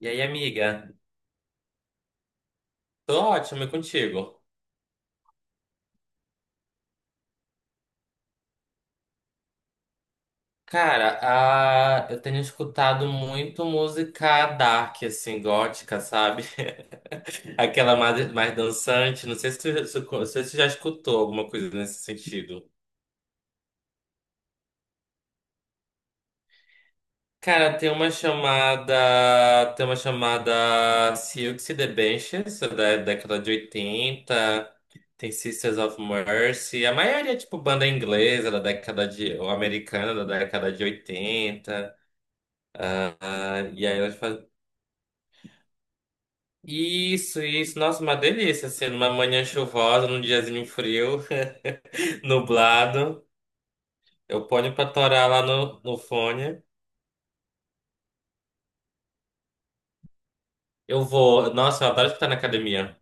E aí, amiga? Tô ótimo e contigo. Cara, eu tenho escutado muito música dark, assim, gótica, sabe? Aquela mais dançante. Não sei se tu já escutou alguma coisa nesse sentido. Cara, tem uma chamada Silks e the Benches, da década de 80. Tem Sisters of Mercy. A maioria é tipo banda inglesa da década de. Ou americana da década de 80. Ah, e aí elas fazem. Isso, isso. Nossa, uma delícia, assim, numa manhã chuvosa, num diazinho frio, nublado. Eu ponho pra torar lá no fone. Eu vou. Nossa, eu adoro escutar na academia.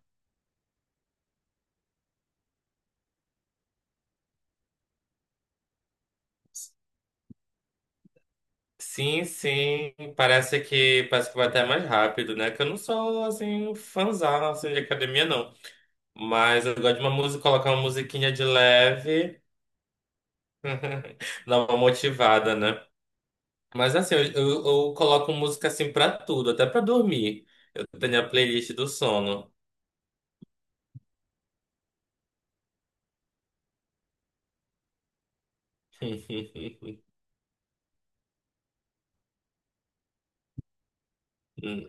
Sim, sim, parece que vai até mais rápido, né? Que eu não sou assim fãzão assim, de academia, não. Mas eu gosto de uma música, colocar uma musiquinha de leve, dar uma motivada, né? Mas assim, eu coloco música assim pra tudo, até pra dormir. Eu tenho a playlist do sono. Hum,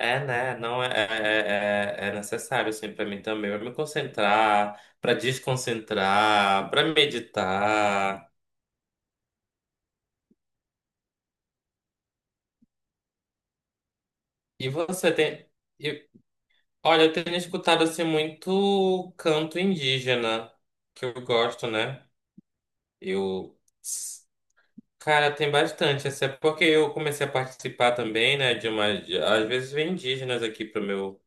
É, né? Não é necessário, assim, pra mim também. Pra me concentrar, pra desconcentrar, pra meditar. E você tem. E, olha, eu tenho escutado, assim, muito canto indígena, que eu gosto, né? Eu. Cara, tem bastante. Assim, é porque eu comecei a participar também, né? De uma. Às vezes vem indígenas aqui pro meu.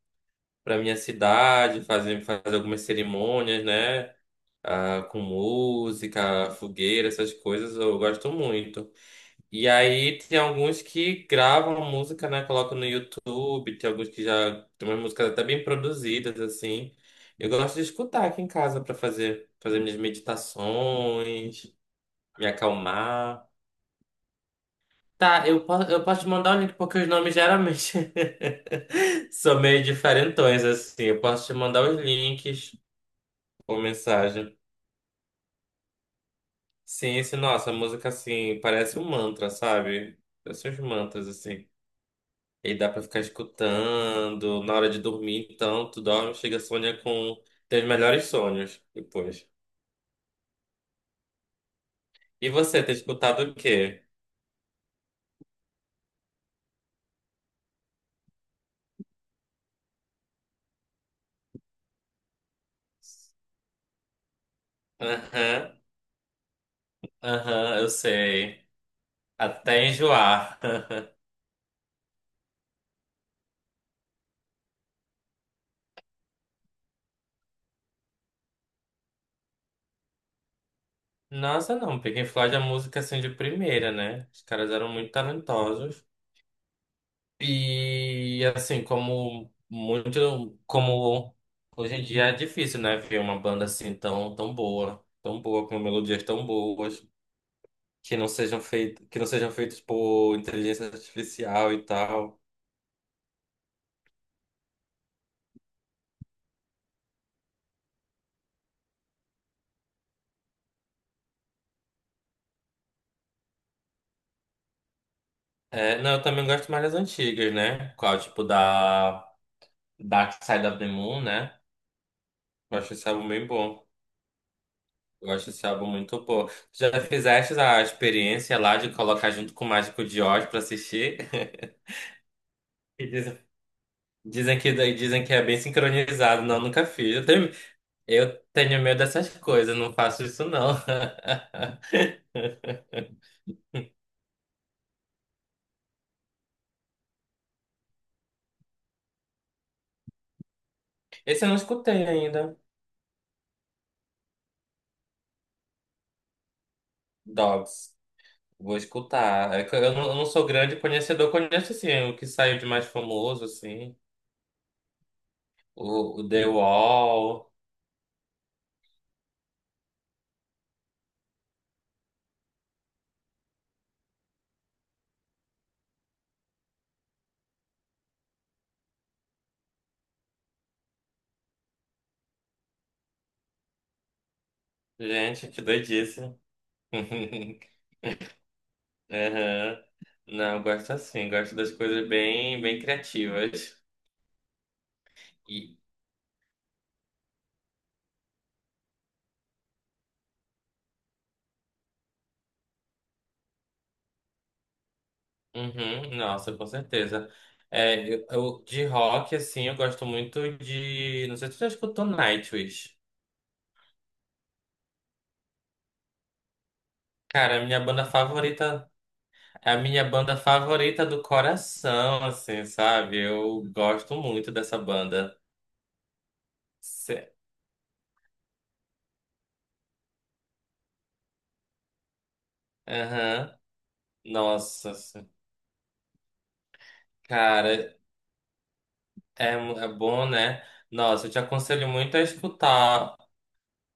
Para minha cidade, fazer algumas cerimônias, né? Ah, com música, fogueira, essas coisas eu gosto muito. E aí tem alguns que gravam a música, né? Colocam no YouTube, tem alguns que já tem umas músicas até bem produzidas, assim. Eu gosto de escutar aqui em casa para fazer minhas meditações, me acalmar. Tá, eu posso te mandar o link porque os nomes geralmente são meio diferentões, assim. Eu posso te mandar os links. Uma mensagem. Sim, esse, nossa, a música assim parece um mantra, sabe? Parece uns mantras, assim. E dá pra ficar escutando na hora de dormir, então tu dorme, chega, sonha com teus melhores sonhos depois. E você, tem escutado o quê? Aham, aham, eu sei. Até enjoar. Nossa, não, Pink Floyd é música assim de primeira, né? Os caras eram muito talentosos. E assim, como muito, como hoje em dia é difícil, né, ver uma banda assim tão, tão boa, com melodias tão boas, que não sejam feitas, que não sejam feitas por inteligência artificial e tal. É, não, eu também gosto mais das antigas, né? Qual, tipo da Dark Side of the Moon, né? Eu acho esse álbum bem bom. Eu acho esse álbum muito bom. Já fizeste a experiência lá de colocar junto com o Mágico de Oz pra assistir? E dizem que é bem sincronizado. Não, nunca fiz. Eu tenho medo dessas coisas, não faço isso não. Esse eu não escutei ainda. Dogs. Vou escutar. É que eu não, eu não sou grande conhecedor, conheço assim o que saiu de mais famoso, assim. O The Wall. Gente, que doidice. Aham. Não, eu gosto assim, gosto das coisas bem, bem criativas. E, uhum, nossa, com certeza. É, de rock, assim, eu gosto muito de. Não sei se tu já escutou Nightwish. Cara, a minha banda favorita. É a minha banda favorita do coração, assim, sabe? Eu gosto muito dessa banda. Cê- Aham. Nossa, assim, cara, é, é bom, né? Nossa, eu te aconselho muito a escutar.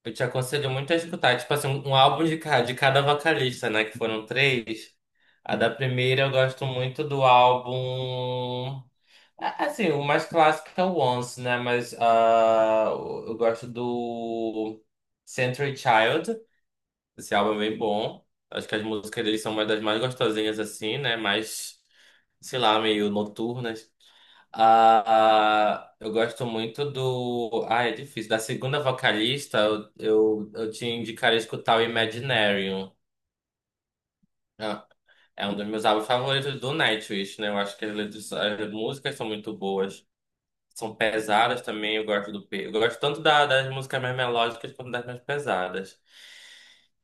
Eu te aconselho muito a escutar, tipo assim, um álbum de cada vocalista, né? Que foram três. A da primeira eu gosto muito do álbum. Assim, o mais clássico é o Once, né? Mas ah, eu gosto do Century Child. Esse álbum é bem bom. Acho que as músicas deles são uma das mais gostosinhas, assim, né? Mais, sei lá, meio noturnas. Ah, eu gosto muito do. Ah, é difícil. Da segunda vocalista, eu te indicaria escutar o Imaginarium. Ah, é um dos meus álbuns favoritos do Nightwish, né? Eu acho que as as músicas são muito boas. São pesadas também, eu gosto do Eu gosto tanto da- das músicas mais melódicas quanto das mais pesadas.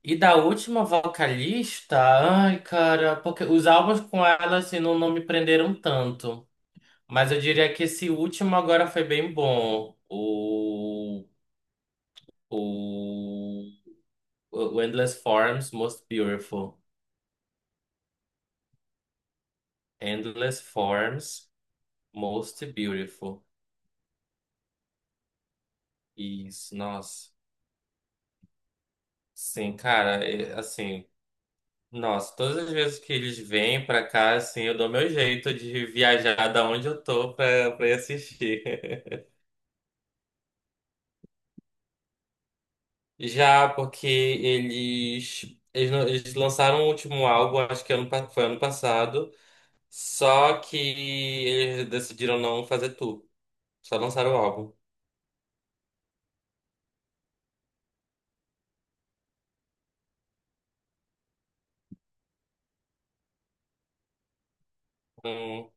E da última vocalista, ai, cara, porque os álbuns com ela, assim, não, não me prenderam tanto. Mas eu diria que esse último agora foi bem bom. O, o Endless Forms Most Beautiful. Endless Forms Most Beautiful. Isso, nossa. Sim, cara, é, assim, nossa, todas as vezes que eles vêm pra cá, assim, eu dou meu jeito de viajar da onde eu tô pra ir assistir. Já porque eles, não- eles lançaram o último álbum, acho que foi ano passado. Só que eles decidiram não fazer tour. Só lançaram o álbum. Hum,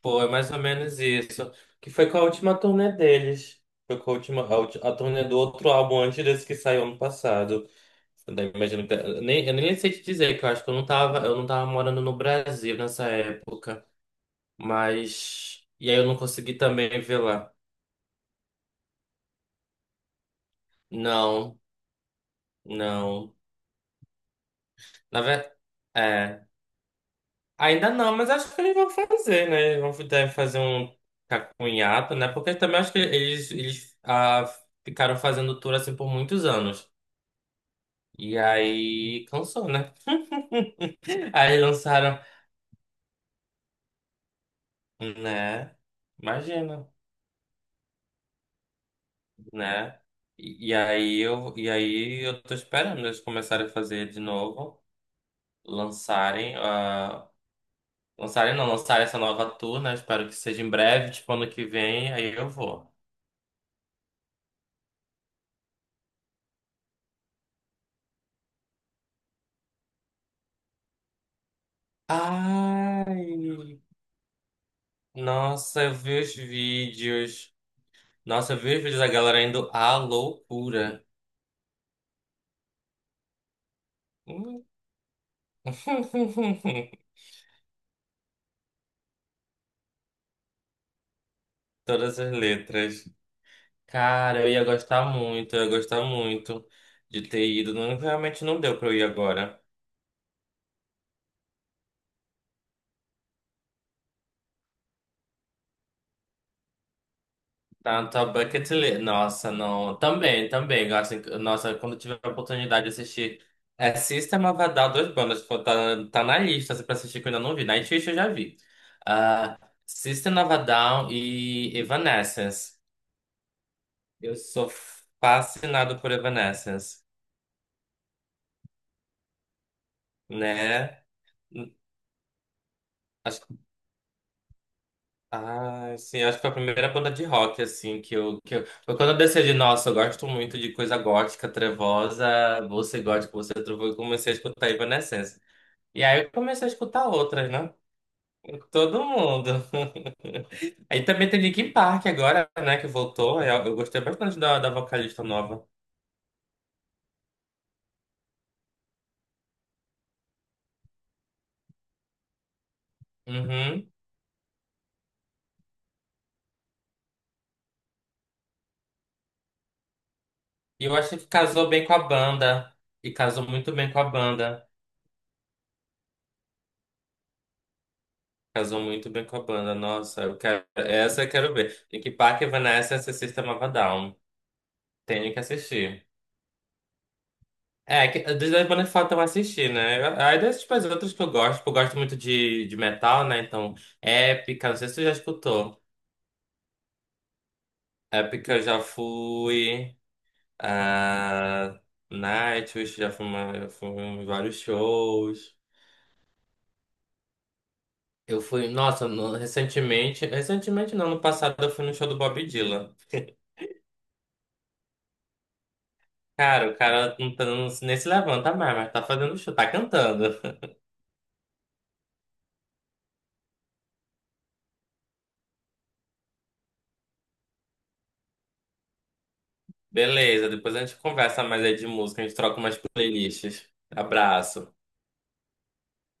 pô, é mais ou menos isso. Que foi com a última turnê deles. Foi com a última, a turnê do outro álbum antes desse que saiu ano passado. Eu nem imagino que, eu nem sei te dizer, que eu acho que eu não tava morando no Brasil nessa época. Mas. E aí eu não consegui também ver lá. Não, não. Na verdade. Ainda não, mas acho que eles vão fazer, né? Eles vão deve fazer um cacunhato, né? Porque também acho que eles ficaram fazendo tour assim por muitos anos. E aí cansou, né? Aí lançaram, né? Imagina, né? E aí eu tô esperando eles começarem a fazer de novo, lançarem a, lançarem não, lançarem essa nova tour, né? Espero que seja em breve, tipo ano que vem, aí eu vou. Ai, nossa, eu vi os vídeos. Nossa, eu vi os vídeos da galera indo à loucura. Hum. Todas as letras. Cara, eu ia gostar muito de ter ido. Não, realmente não deu pra eu ir agora. Tá na tua bucket list. Nossa, não. Também, também. Gosto, nossa, quando tiver a oportunidade de assistir. É System of a Down, dois bandas. Tipo, tá, tá na lista assim, pra assistir que eu ainda não vi. Nightwish eu já vi. ah System of a Down e Evanescence. Eu sou fascinado por Evanescence, né? Ah, sim, acho que foi a primeira banda de rock, assim, que eu... Foi quando eu decidi, nossa, eu gosto muito de coisa gótica, trevosa, você gótico, você trevoso, eu comecei a escutar Evanescence. E aí eu comecei a escutar outras, né? Todo mundo. Aí também tem Linkin Park agora, né, que voltou. Eu gostei bastante da vocalista nova. Uhum. E eu achei que casou bem com a banda. E casou muito bem com a banda. Casou muito bem com a banda. Nossa, eu quero... essa eu quero ver. Linkin Park, Evanescence, essa System of a Down. Tenho que assistir. É, que, das bandas que faltam assistir, né? Eu- Aí das tipo, as outras que eu gosto, tipo, eu gosto muito de metal, né? Então, Épica, não sei se tu já escutou. Épica eu já fui. ah, Nightwish, já fui, uma, eu fui em vários shows. Eu fui, nossa, recentemente, recentemente não, no passado eu fui no show do Bob Dylan. Cara, o cara não tá, não, nem se levanta mais, mas tá fazendo show, tá cantando. Beleza, depois a gente conversa mais aí de música, a gente troca umas playlists. Abraço.